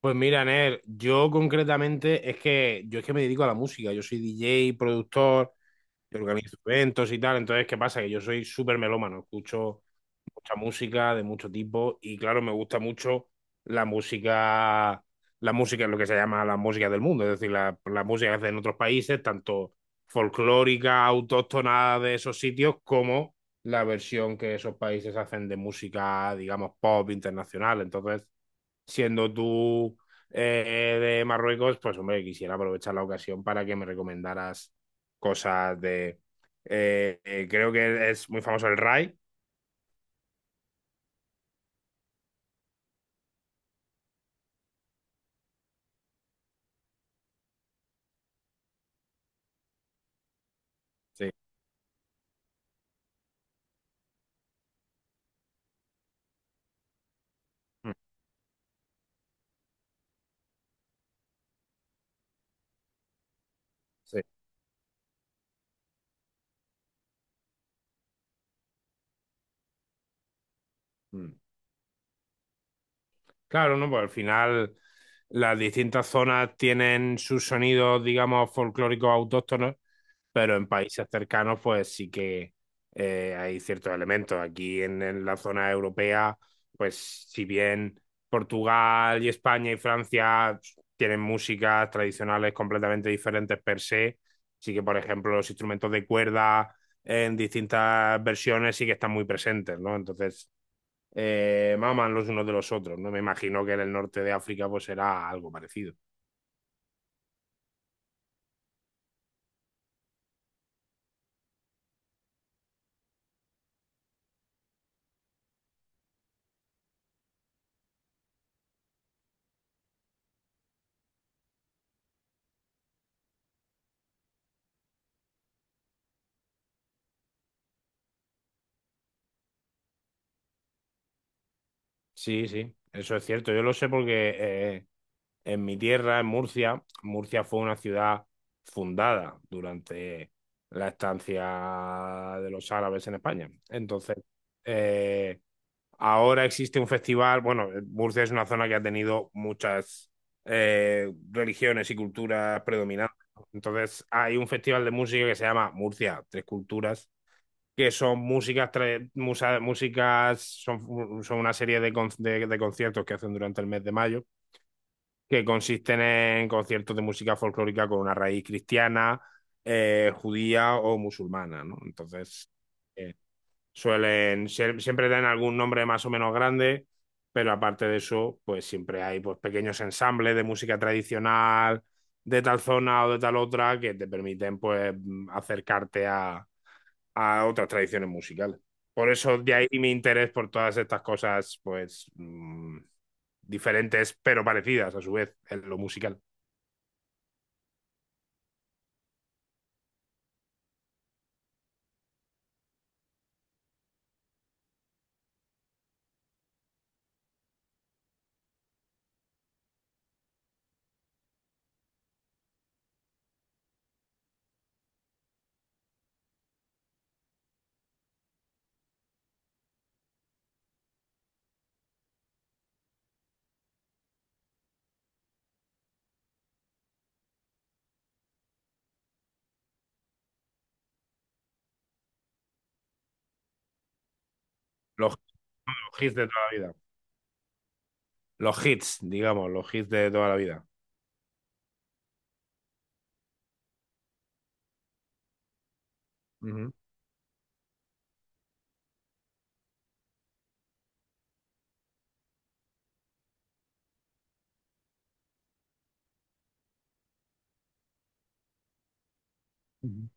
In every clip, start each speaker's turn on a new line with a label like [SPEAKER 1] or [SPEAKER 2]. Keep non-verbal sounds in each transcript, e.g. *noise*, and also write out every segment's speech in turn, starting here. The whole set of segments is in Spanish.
[SPEAKER 1] Pues mira, Ner, yo concretamente es que yo es que me dedico a la música, yo soy DJ, productor, yo organizo eventos y tal. Entonces, ¿qué pasa? Que yo soy súper melómano, escucho mucha música de mucho tipo y claro, me gusta mucho la música, la música, lo que se llama la música del mundo, es decir, la música que hacen en otros países, tanto folclórica, autóctona de esos sitios, como la versión que esos países hacen de música, digamos, pop internacional. Entonces, siendo tú de Marruecos, pues hombre, quisiera aprovechar la ocasión para que me recomendaras cosas de... creo que es muy famoso el Rai. Sí, mm, sí. Mm. Claro, ¿no? Pues al final las distintas zonas tienen sus sonidos, digamos, folclóricos autóctonos, pero en países cercanos, pues sí que hay ciertos elementos. Aquí en la zona europea, pues si bien Portugal y España y Francia tienen músicas tradicionales completamente diferentes per se, sí que, por ejemplo, los instrumentos de cuerda en distintas versiones sí que están muy presentes, ¿no? Entonces, maman los unos de los otros, ¿no? Me imagino que en el norte de África pues será algo parecido. Sí, sí, eso es cierto. Yo lo sé porque en mi tierra, en Murcia, Murcia fue una ciudad fundada durante la estancia de los árabes en España. Entonces, eh, ahora existe un festival. Bueno, Murcia es una zona que ha tenido muchas religiones y culturas predominantes. Entonces, hay un festival de música que se llama Murcia Tres Culturas que son músicas, tra- musa, músicas son, son, una serie de conciertos que hacen durante el mes de mayo, que consisten en conciertos de música folclórica con una raíz cristiana, judía o musulmana, ¿no? Entonces, eh, siempre dan algún nombre más o menos grande, pero aparte de eso, pues siempre hay pues, pequeños ensambles de música tradicional de tal zona o de tal otra que te permiten pues acercarte a otras tradiciones musicales. Por eso de ahí mi interés por todas estas cosas, pues diferentes pero parecidas a su vez en lo musical. Los, los hits de toda la vida. Los hits, digamos, los hits de toda la vida. Ujú.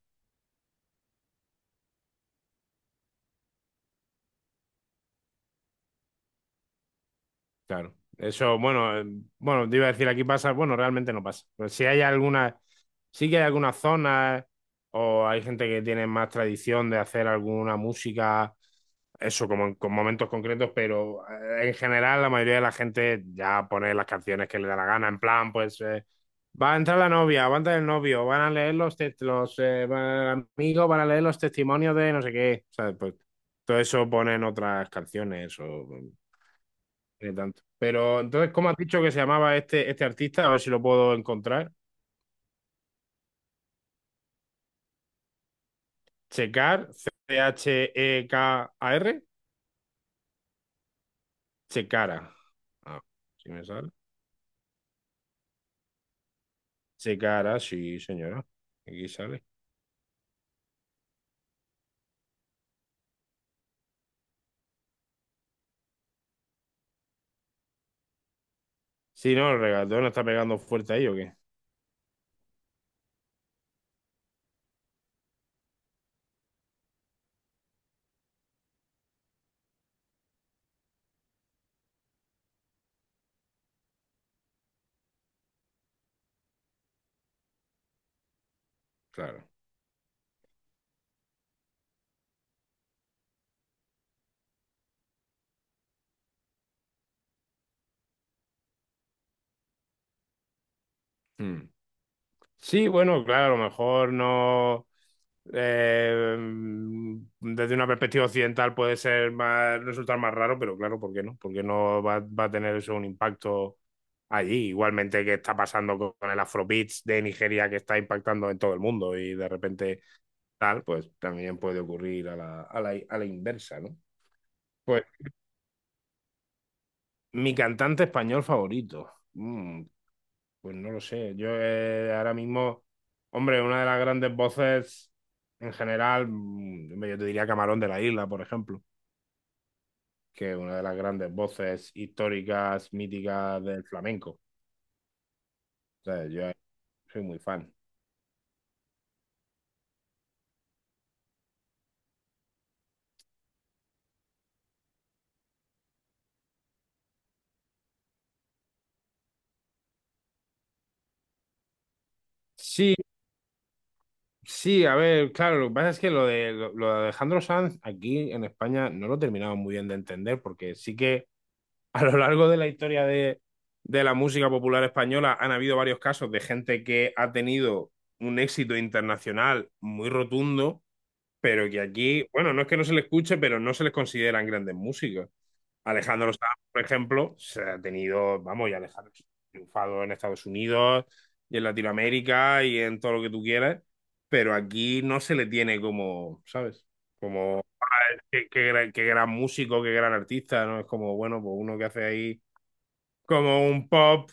[SPEAKER 1] Claro. Eso, bueno, bueno, te iba a decir, aquí pasa, bueno, realmente no pasa. Pero si hay alguna, sí que hay algunas zonas o hay gente que tiene más tradición de hacer alguna música, eso como en con momentos concretos, pero en general la mayoría de la gente ya pone las canciones que le da la gana, en plan, pues va a entrar la novia, va a entrar el novio, van a leer los amigos, van a leer los testimonios de no sé qué, ¿sabes? Pues todo eso ponen otras canciones o... Ni tanto. Pero entonces, ¿cómo has dicho que se llamaba este artista? A ver si lo puedo encontrar. Checar, C-H-E-K-A-R, Checara. Ah, si me sale. Checara, sí, señora. Aquí sale. Sí, no, el regatón está pegando fuerte ahí, ¿o qué? Claro. Hmm. Sí, bueno, claro, a lo mejor no. eh, Desde una perspectiva occidental puede ser más, resultar más raro, pero claro, ¿por qué no? Porque no va a tener eso un impacto allí, igualmente que está pasando con el Afrobeats de Nigeria que está impactando en todo el mundo y de repente tal, pues también puede ocurrir a la inversa, ¿no? Pues mi cantante español favorito. mm, Pues no lo sé. Yo ahora mismo, hombre, una de las grandes voces en general, hombre, yo te diría Camarón de la Isla, por ejemplo, que es una de las grandes voces históricas, míticas del flamenco. O sea, yo soy muy fan. Sí, sí, a ver, claro, lo que pasa es que lo de, lo de Alejandro Sanz aquí en España no lo terminamos muy bien de entender, porque sí que a lo largo de la historia de la música popular española han habido varios casos de gente que ha tenido un éxito internacional muy rotundo, pero que aquí, bueno, no es que no se le escuche, pero no se les consideran grandes músicos. Alejandro Sanz, por ejemplo, se ha tenido, vamos, y Alejandro ha triunfado en Estados Unidos y en Latinoamérica y en todo lo que tú quieras, pero aquí no se le tiene como, ¿sabes? Como qué, qué gran músico, qué gran artista, ¿no? Es como, bueno, pues uno que hace ahí como un pop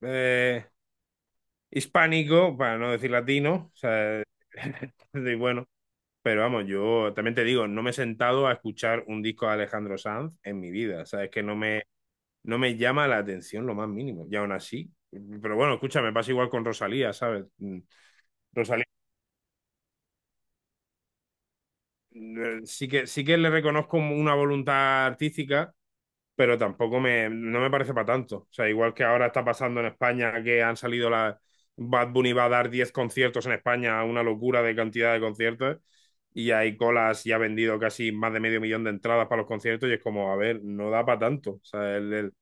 [SPEAKER 1] eh, hispánico, para no decir latino, o sea, *laughs* y bueno, pero vamos, yo también te digo, no me he sentado a escuchar un disco de Alejandro Sanz en mi vida, o sea, es que no me, no me llama la atención lo más mínimo, y aún así, pero bueno, escucha, me pasa igual con Rosalía, ¿sabes? Rosalía, sí que le reconozco una voluntad artística pero tampoco me, no me parece para tanto. O sea, igual que ahora está pasando en España que han salido la Bad Bunny va a dar 10 conciertos en España, una locura de cantidad de conciertos, y hay colas y ha vendido casi más de medio millón de entradas para los conciertos, y es como, a ver, no da para tanto. O sea, el-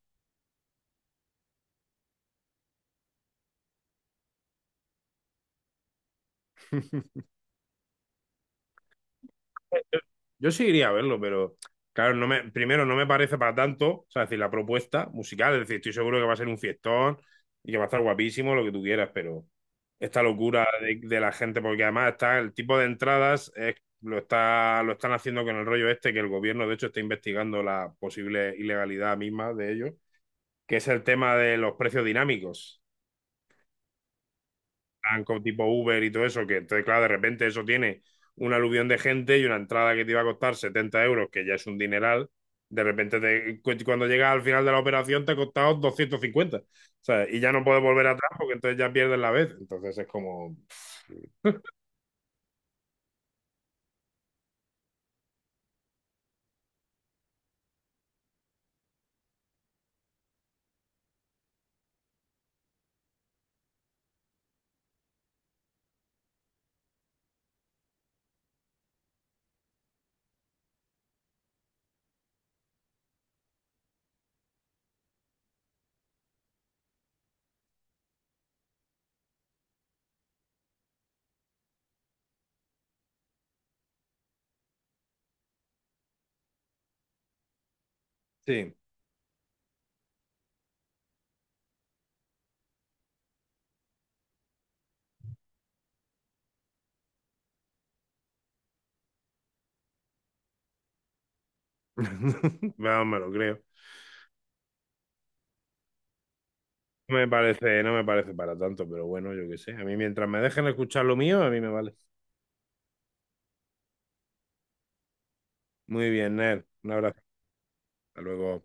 [SPEAKER 1] Yo sí iría a verlo, pero claro, no me, primero no me parece para tanto, o sea, es decir, la propuesta musical, es decir, estoy seguro que va a ser un fiestón y que va a estar guapísimo, lo que tú quieras, pero esta locura de la gente, porque además está el tipo de entradas, es- lo está, lo están haciendo con el rollo este, que el gobierno de hecho está investigando la posible ilegalidad misma de ello, que es el tema de los precios dinámicos banco tipo Uber y todo eso, que entonces, claro, de repente eso tiene un aluvión de gente y una entrada que te iba a costar 70 euros, que ya es un dineral, de repente te- cuando llegas al final de la operación te ha costado 250, ¿sabes? Y ya no puedes volver atrás porque entonces ya pierdes la vez. Entonces es como, sí, *laughs* vamos, me lo creo. No me parece, no me parece para tanto, pero bueno, yo qué sé. A mí mientras me dejen escuchar lo mío, a mí me vale. Muy bien, Ner. Un abrazo. Hasta luego.